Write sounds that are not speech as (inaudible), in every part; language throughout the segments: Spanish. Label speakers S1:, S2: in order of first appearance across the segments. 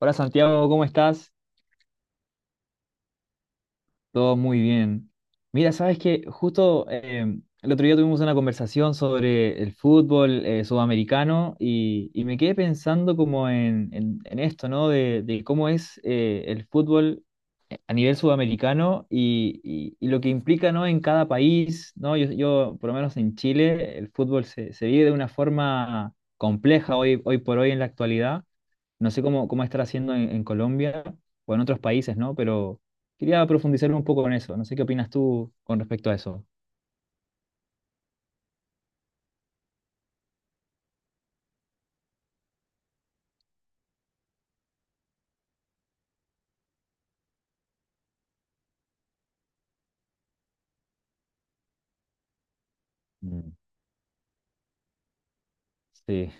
S1: Hola Santiago, ¿cómo estás? Todo muy bien. Mira, sabes que justo el otro día tuvimos una conversación sobre el fútbol sudamericano y me quedé pensando como en esto, ¿no? De cómo es el fútbol a nivel sudamericano y lo que implica, ¿no? En cada país, ¿no? Yo, por lo menos en Chile, el fútbol se vive de una forma compleja hoy, hoy por hoy en la actualidad. No sé cómo estar haciendo en Colombia o en otros países, ¿no? Pero quería profundizar un poco en eso. No sé qué opinas tú con respecto a eso. Mm, sí,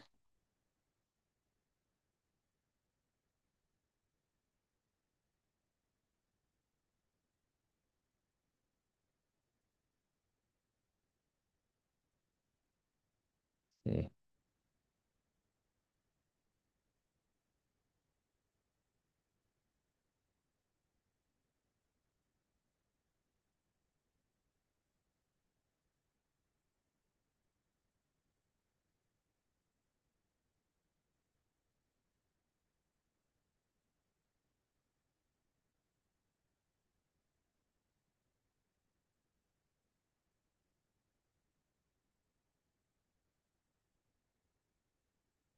S1: sí,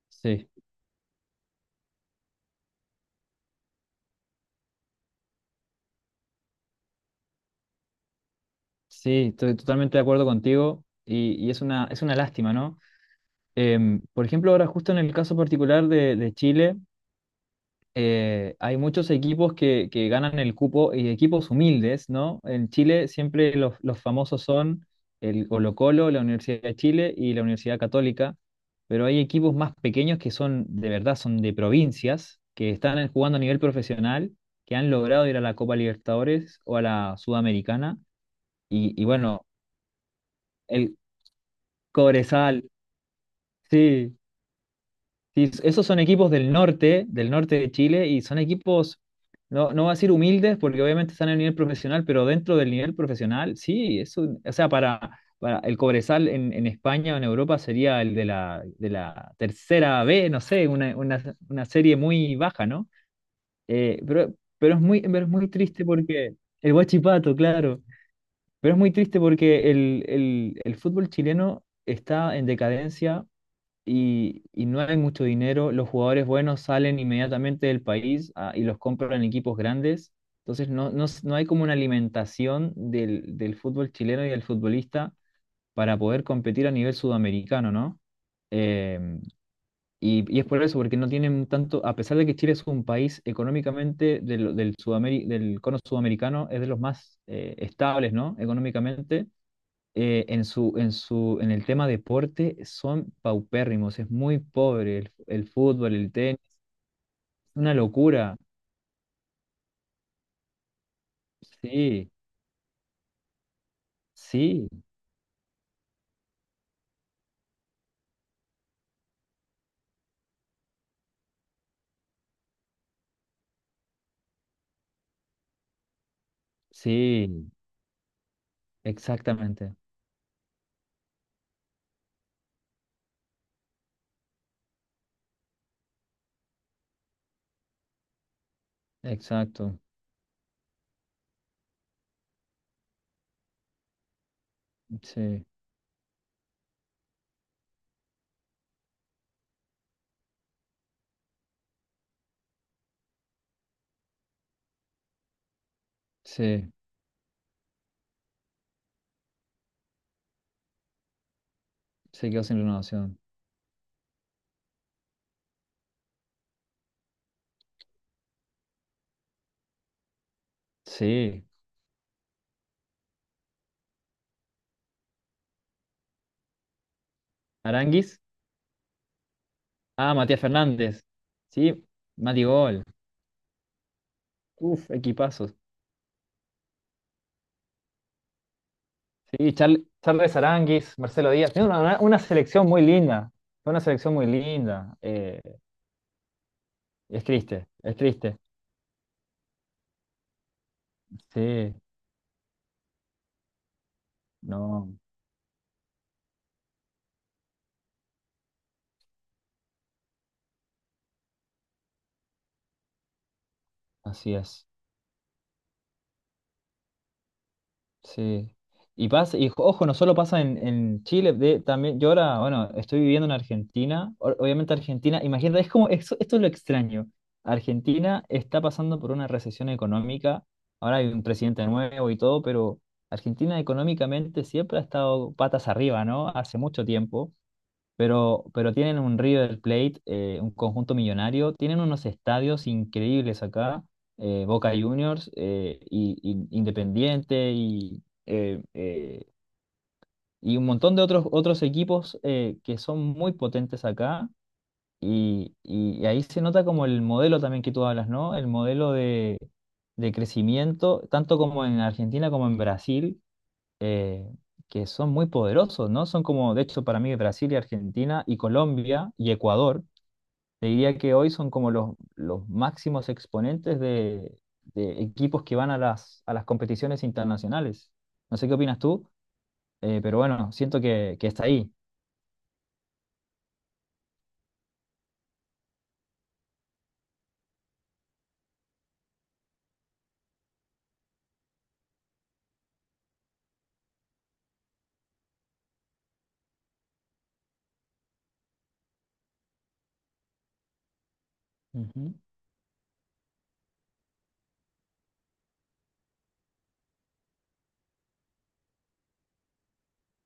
S1: sí, sí, estoy totalmente de acuerdo contigo y es una lástima, ¿no? Por ejemplo, ahora justo en el caso particular de Chile. Eh, hay muchos equipos que ganan el cupo y equipos humildes, ¿no? En Chile siempre los famosos son el Colo-Colo, la Universidad de Chile y la Universidad Católica, pero hay equipos más pequeños que son, de verdad, son de provincias, que están jugando a nivel profesional, que han logrado ir a la Copa Libertadores o a la Sudamericana, y bueno, el Cobresal, sí. Sí, esos son equipos del norte de Chile, y son equipos, no, no va a decir humildes, porque obviamente están en el nivel profesional, pero dentro del nivel profesional, sí, eso, o sea, para el Cobresal en España o en Europa sería el de la tercera B, no sé, una serie muy baja, ¿no? Pero es muy triste porque el Huachipato, claro, pero es muy triste porque el fútbol chileno está en decadencia y no hay mucho dinero, los jugadores buenos salen inmediatamente del país ah, y los compran en equipos grandes. Entonces no hay como una alimentación del fútbol chileno y del futbolista para poder competir a nivel sudamericano, ¿no? Em, y, y es por eso, porque no tienen tanto, a pesar de que Chile es un país económicamente del cono sudamericano, es de los más estables, ¿no? Económicamente, en el tema deporte son paupérrimos, es muy pobre el fútbol, el tenis, una locura. Sí, sí, sí, exactamente, exacto. Sí, sí, se quedó sin renovación. Sí. Aranguis. Ah, Matías Fernández. Sí, Mati Gol. Uf, equipazos. Sí, Charles Aránguiz, Marcelo Díaz. Tiene una, una selección muy linda. Fue una selección muy linda. Es triste, es triste. Sí, no, así es. Sí. Y pasa, y ojo, no solo pasa en Chile, de, también, yo ahora, bueno, estoy viviendo en Argentina. Obviamente Argentina, imagínate, es como, esto es lo extraño. Argentina está pasando por una recesión económica. Ahora hay un presidente nuevo y todo, pero Argentina económicamente siempre ha estado patas arriba, ¿no? Hace mucho tiempo. Pero tienen un River Plate, un conjunto millonario, tienen unos estadios increíbles acá, Boca Juniors, y Independiente y y un montón de otros, otros equipos que son muy potentes acá. Y ahí se nota como el modelo también que tú hablas, ¿no? El modelo de crecimiento, tanto como en Argentina como en Brasil eh, que son muy poderosos, ¿no? Son como, de hecho, para mí Brasil y Argentina y Colombia y Ecuador, te diría que hoy son como los máximos exponentes de equipos que van a las competiciones internacionales. No sé qué opinas tú, pero bueno, siento que está ahí, ujú.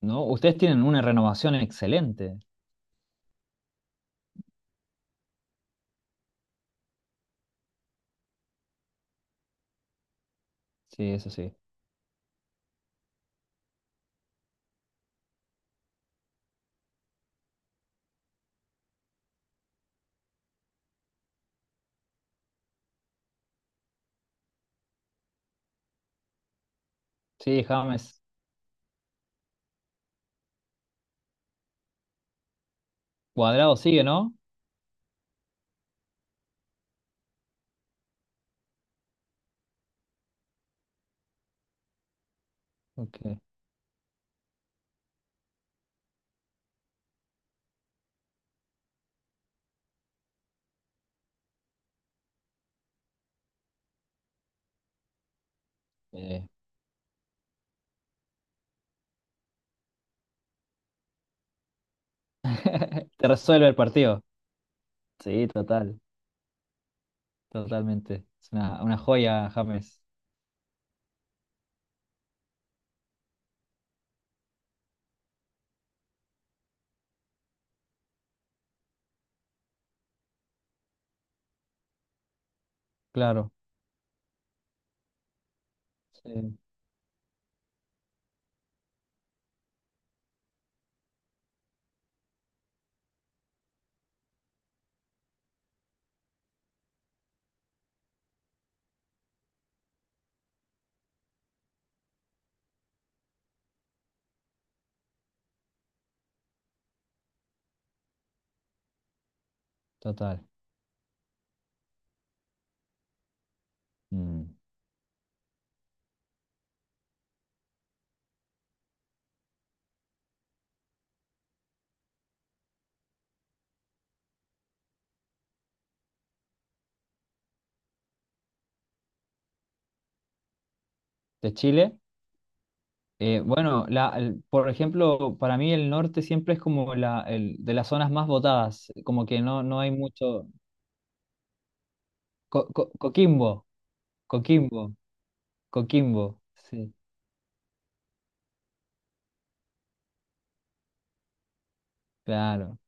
S1: ¿No? Ustedes tienen una renovación excelente. Sí, eso sí. Sí, James Cuadrado sigue, ¿no? Ok. Eh, (laughs) te resuelve el partido. Sí, total. Totalmente. Es una joya, James. Claro, sí, total. Mm. De Chile. Eh, bueno, la, por ejemplo, para mí el norte siempre es como la, el, de las zonas más votadas, como que no, no hay mucho. Coquimbo, Coquimbo, Coquimbo. Sí, claro.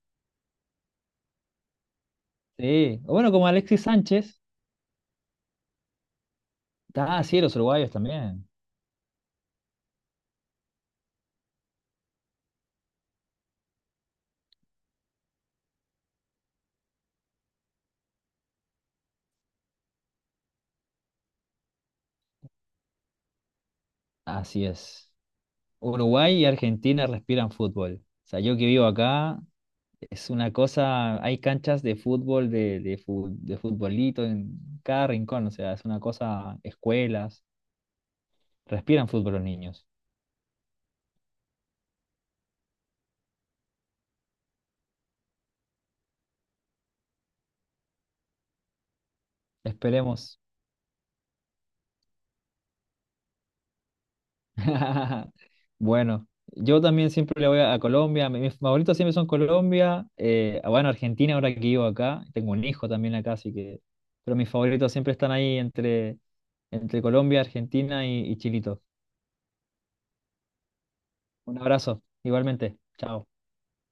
S1: Sí. O bueno, como Alexis Sánchez. Ah, sí, los uruguayos también. Así es. Uruguay y Argentina respiran fútbol. O sea, yo que vivo acá. Es una cosa, hay canchas de fútbol, de futbolito en cada rincón, o sea, es una cosa, escuelas, respiran fútbol los niños. Esperemos. (laughs) Bueno, yo también siempre le voy a Colombia, mis favoritos siempre son Colombia, bueno, Argentina ahora que vivo acá, tengo un hijo también acá, así que, pero mis favoritos siempre están ahí entre, entre Colombia, Argentina y Chilito. Un abrazo, igualmente, chao.